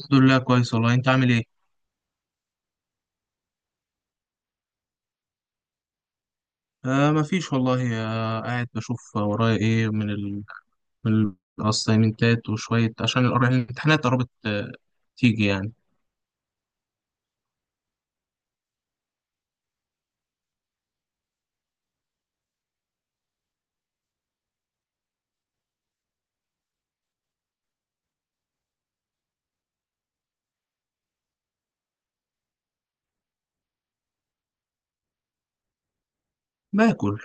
الحمد لله كويس والله، انت عامل ايه؟ مفيش والله، قاعد بشوف ورايا ايه من ال من الاسايمنتات وشوية عشان الامتحانات قربت. تيجي يعني. باكل،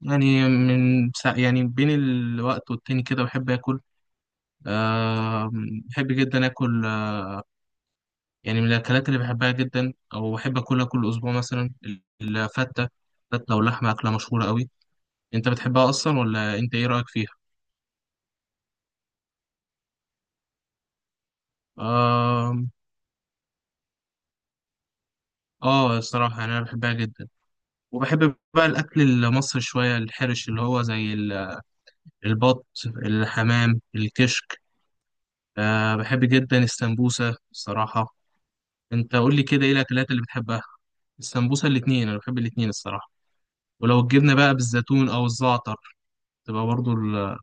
يعني من سا يعني بين الوقت والتاني كده بحب اكل. آه بحب جدا اكل. يعني من الاكلات اللي بحبها جدا او بحب اكلها كل اسبوع مثلا، الفتة فتة واللحمة، اكلة مشهورة قوي. انت بتحبها اصلا، ولا انت ايه رأيك فيها؟ آه اه الصراحة يعني انا بحبها جدا، وبحب بقى الأكل المصري شوية، الحرش اللي هو زي البط، الحمام، الكشك. بحب جدا السمبوسة الصراحة. أنت قول لي كده، إيه الأكلات اللي بتحبها؟ السمبوسة الاتنين، أنا بحب الاتنين الصراحة، ولو الجبنة بقى بالزيتون أو الزعتر، تبقى برضو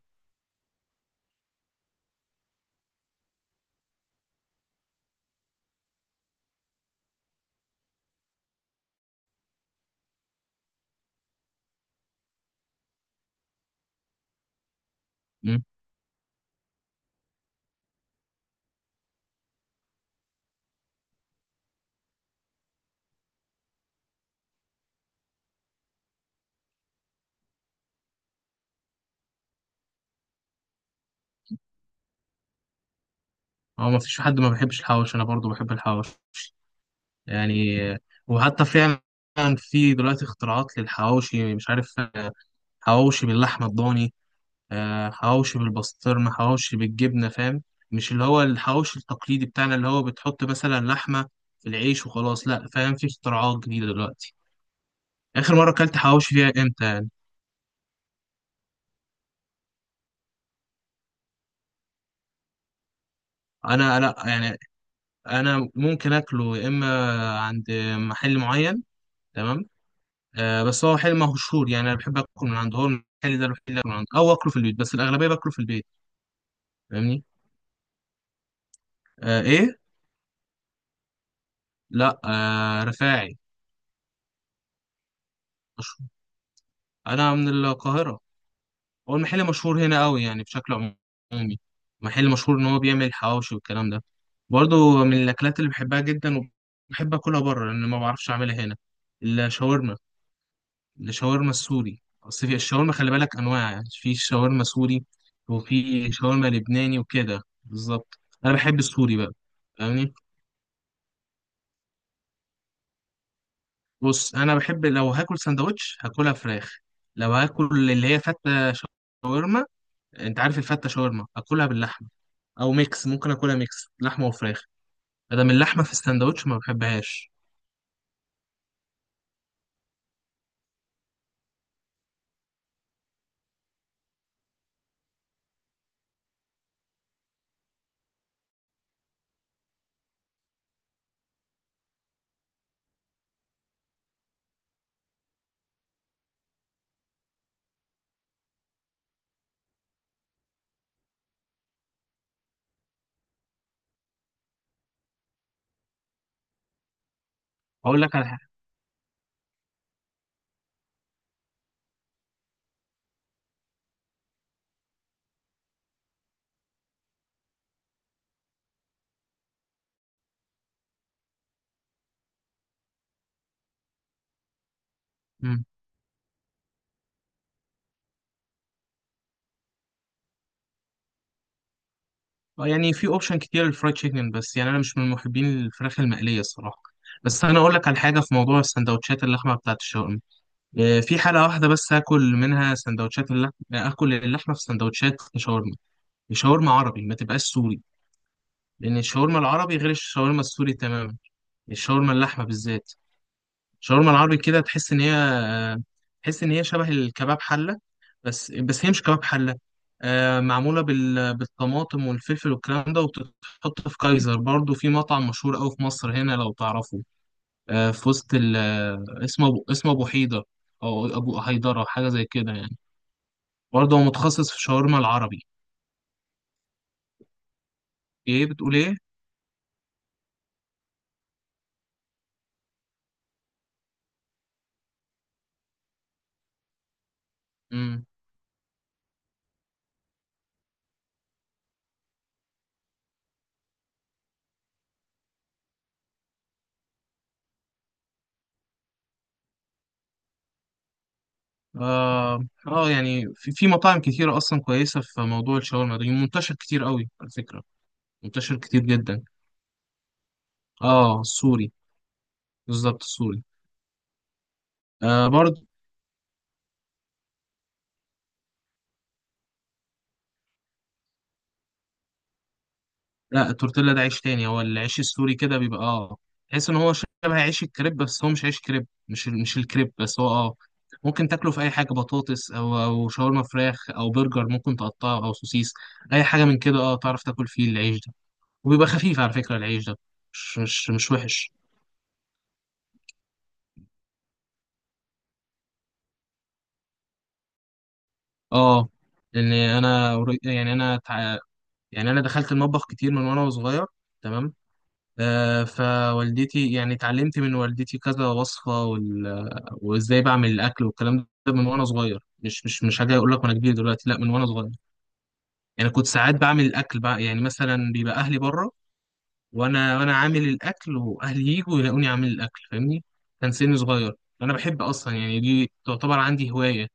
مم. هو ما فيش حد ما بيحبش الحواوش، أنا برضو بحب الحواوش يعني. وحتى فعلا في دلوقتي اختراعات للحواوشي، مش عارف، حواوشي باللحمة الضاني، حواوشي بالبسطرمة، حواوشي بالجبنة، فاهم؟ مش اللي هو الحواوشي التقليدي بتاعنا، اللي هو بتحط مثلا لحمة في العيش وخلاص، لا فاهم، في اختراعات جديدة دلوقتي. آخر مرة أكلت حواوشي فيها إمتى؟ أنا يعني، أنا ممكن أكله يا إما عند محل معين. تمام. بس هو محل مشهور، يعني أنا بحب آكل من عنده، هو المحل ده الوحيد اللي آكل من عنده، أو آكله في البيت، بس الأغلبية باكله في البيت. فاهمني؟ إيه؟ لا، رفاعي مشهور. أنا من القاهرة. هو المحل مشهور هنا قوي يعني بشكل عمومي، محل مشهور ان هو بيعمل حواوشي والكلام ده. برضو من الاكلات اللي بحبها جدا، وبحب اكلها بره لان ما بعرفش اعملها هنا، الشاورما. الشاورما السوري، اصل في الشاورما خلي بالك انواع، يعني في شاورما سوري، وفي شاورما لبناني، وكده بالظبط. انا بحب السوري بقى، فاهمني؟ بص، انا بحب لو هاكل سندوتش هاكلها فراخ، لو هاكل اللي هي فتة شاورما، انت عارف الفتة شاورما اكلها باللحمة، او ميكس، ممكن اكلها ميكس لحمة وفراخ، ادام اللحمة في الساندوتش ما بحبهاش. اقول لك على حاجة. مم. اه يعني في اوبشن كتير للفرايد تشيكن، بس يعني انا مش من محبين الفراخ المقلية الصراحة. بس انا اقول لك على حاجة في موضوع السندوتشات، اللحمة بتاعت الشاورما، اه، في حالة واحدة بس هاكل منها سندوتشات اللحمة، اكل اللحمة في سندوتشات شاورما، شاورما عربي ما تبقاش سوري، لان الشاورما العربي غير الشاورما السوري تماما، الشاورما اللحمة بالذات، الشاورما العربي كده تحس ان هي، تحس ان هي شبه الكباب حله، بس هي مش كباب حله. معموله بالطماطم والفلفل والكلام ده، وبتتحط في كايزر، برضو في مطعم مشهور قوي في مصر هنا لو تعرفه. في وسط ال... آه، اسمه اسمه ابو حيدر، او ابو هيدره حاجه زي كده يعني، برضو هو متخصص في الشاورما العربي. ايه بتقول ايه؟ امم آه, اه يعني في مطاعم كتيره اصلا كويسه في موضوع الشاورما ده، منتشر كتير قوي على فكره، منتشر كتير جدا. اه، السوري. بالظبط السوري. آه برضه. لا، التورتيلا ده عيش تاني، هو العيش السوري كده بيبقى تحس ان هو شبه عيش الكريب، بس هو مش عيش كريب، مش الكريب، بس هو ممكن تاكله في اي حاجه، بطاطس او شاورما فراخ او برجر، ممكن تقطعه او سوسيس، اي حاجه من كده، اه تعرف تاكل فيه العيش ده، وبيبقى خفيف على فكره العيش ده، مش وحش. اه لان انا قري- يعني انا تع- يعني انا دخلت المطبخ كتير من وانا صغير. تمام. فوالدتي، يعني اتعلمت من والدتي كذا وصفة وازاي بعمل الأكل والكلام ده من وأنا صغير، مش حاجة أقول لك وأنا كبير دلوقتي، لا من وأنا صغير. يعني كنت ساعات بعمل الأكل بقى، يعني مثلا بيبقى أهلي بره، وأنا عامل الأكل، وأهلي يجوا يلاقوني عامل الأكل، فاهمني؟ كان سني صغير. أنا بحب أصلا، يعني دي تعتبر عندي هواية،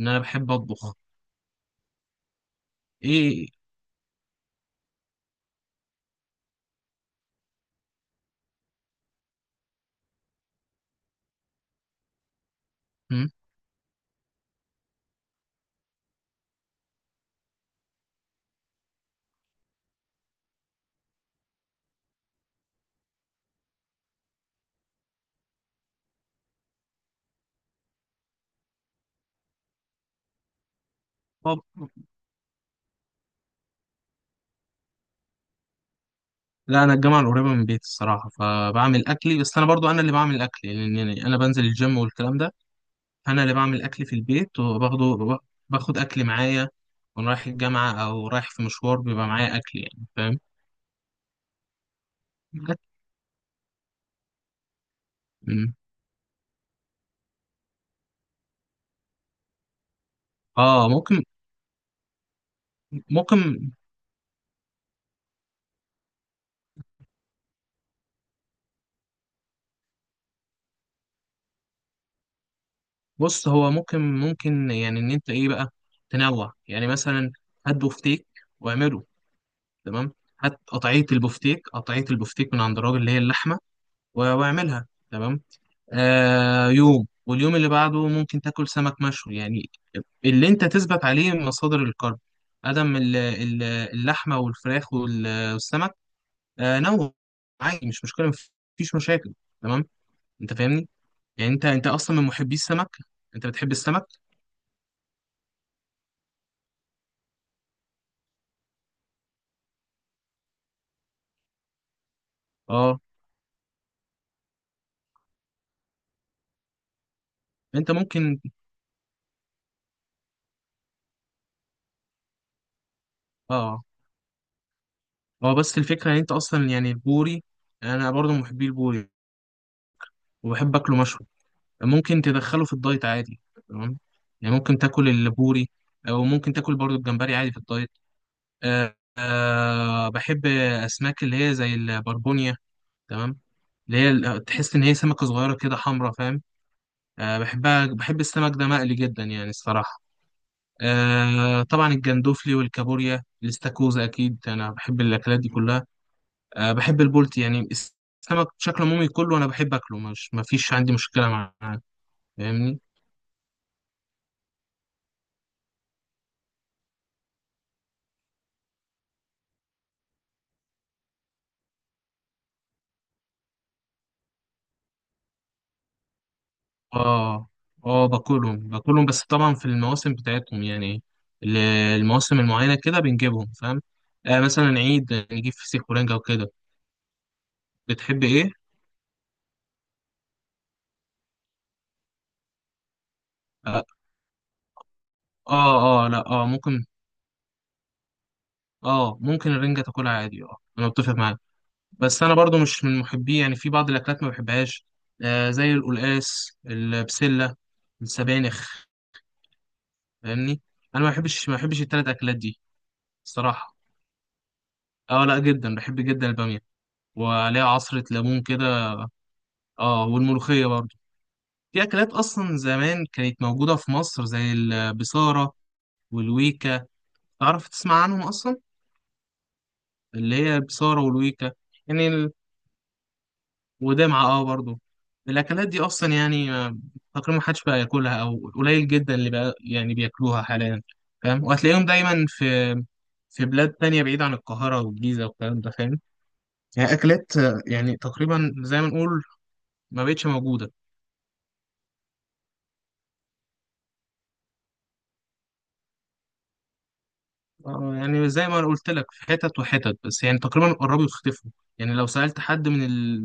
إن أنا بحب أطبخ. إيه؟ م؟ طب لا، انا الجامعه القريبه من بيتي الصراحه، فبعمل اكلي، بس انا برضو انا اللي بعمل اكلي، لان يعني انا بنزل الجيم والكلام ده، انا اللي بعمل اكل في البيت وباخده باخد اكل معايا، وانا رايح الجامعه او رايح في مشوار بيبقى معايا اكل، يعني فاهم؟ أكل. مم. اه ممكن ممكن بص، هو ممكن يعني ان انت ايه بقى، تنوع يعني مثلا، هات بفتيك واعمله، تمام، هات قطعيه البفتيك قطعيه البفتيك من عند الراجل اللي هي اللحمه، واعملها. تمام. آه، يوم، واليوم اللي بعده ممكن تاكل سمك مشوي يعني، اللي انت تثبت عليه مصادر الكرب، ادم اللحمه والفراخ وال- والسمك نوع، عادي، مش مشكله، مفيش مشاكل. تمام، انت فاهمني؟ يعني انت اصلا من محبي السمك، انت بتحب السمك؟ اه. انت ممكن. اه اه بس الفكره ان انت اصلا، يعني البوري، انا برضو من محبي البوري، وبحب اكله مشوي، ممكن تدخله في الدايت عادي، تمام، يعني ممكن تاكل البوري، او ممكن تاكل برضو الجمبري عادي في الدايت. بحب أسماك اللي هي زي البربونيا، تمام، تحس إن هي سمكة صغيرة كده حمرا، فاهم؟ بحبها، بحب السمك ده مقلي جدا يعني الصراحة. آه، طبعا الجندوفلي والكابوريا الاستاكوزا أكيد أنا بحب الأكلات دي كلها. بحب البولتي، يعني السمك بشكل عمومي كله أنا بحب أكله، مش مفيش عندي مشكلة معاه، فاهمني؟ اه اه باكلهم بس طبعا في المواسم بتاعتهم، يعني ال- المواسم المعينة كده بنجيبهم، فاهم؟ آه، مثلا عيد نجيب فسيخ ورنجة وكده. بتحب ايه؟ اه لا، ممكن. اه ممكن الرنجة تاكلها عادي، اه انا متفق معاك، بس انا برضو مش من محبيه، يعني في بعض الاكلات ما بحبهاش، زي القلقاس، البسلة، السبانخ، فاهمني؟ انا ما بحبش التلات اكلات دي الصراحة. اه لا جدا، بحب جدا البامية، وعليها عصرة ليمون كده. اه والملوخية برضو. في أكلات أصلا زمان كانت موجودة في مصر زي البصارة والويكا، تعرف تسمع عنهم أصلا؟ اللي هي البصارة والويكا، يعني ودمعة، برضو الأكلات دي أصلا يعني تقريبا محدش بقى ياكلها، أو قليل جدا اللي بقى يعني بياكلوها حاليا، فاهم؟ وهتلاقيهم دايما في، في بلاد تانية بعيدة عن القاهرة والجيزة والكلام ده، فاهم؟ يعني أكلات، يعني تقريبا زي ما نقول ما بقتش موجودة. يعني زي ما أنا قلت لك، في حتت وحتت، بس يعني تقريبا قربوا يختفوا، يعني لو سألت حد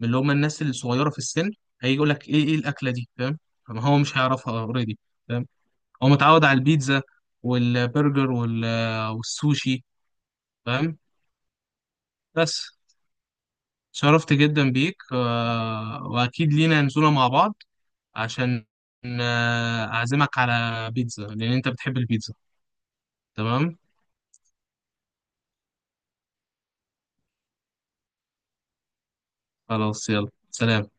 من اللي هم الناس الصغيرة في السن، هيجي يقول لك ايه، الأكلة دي، فاهم؟ ما هو مش هيعرفها اوريدي، فاهم؟ هو متعود على البيتزا والبرجر وال... والسوشي فاهم؟ بس، شرفت جدا بيك، وأكيد لينا نزولة مع بعض عشان، أعزمك على بيتزا لأن أنت بتحب البيتزا. تمام، خلاص، يلا، سلام.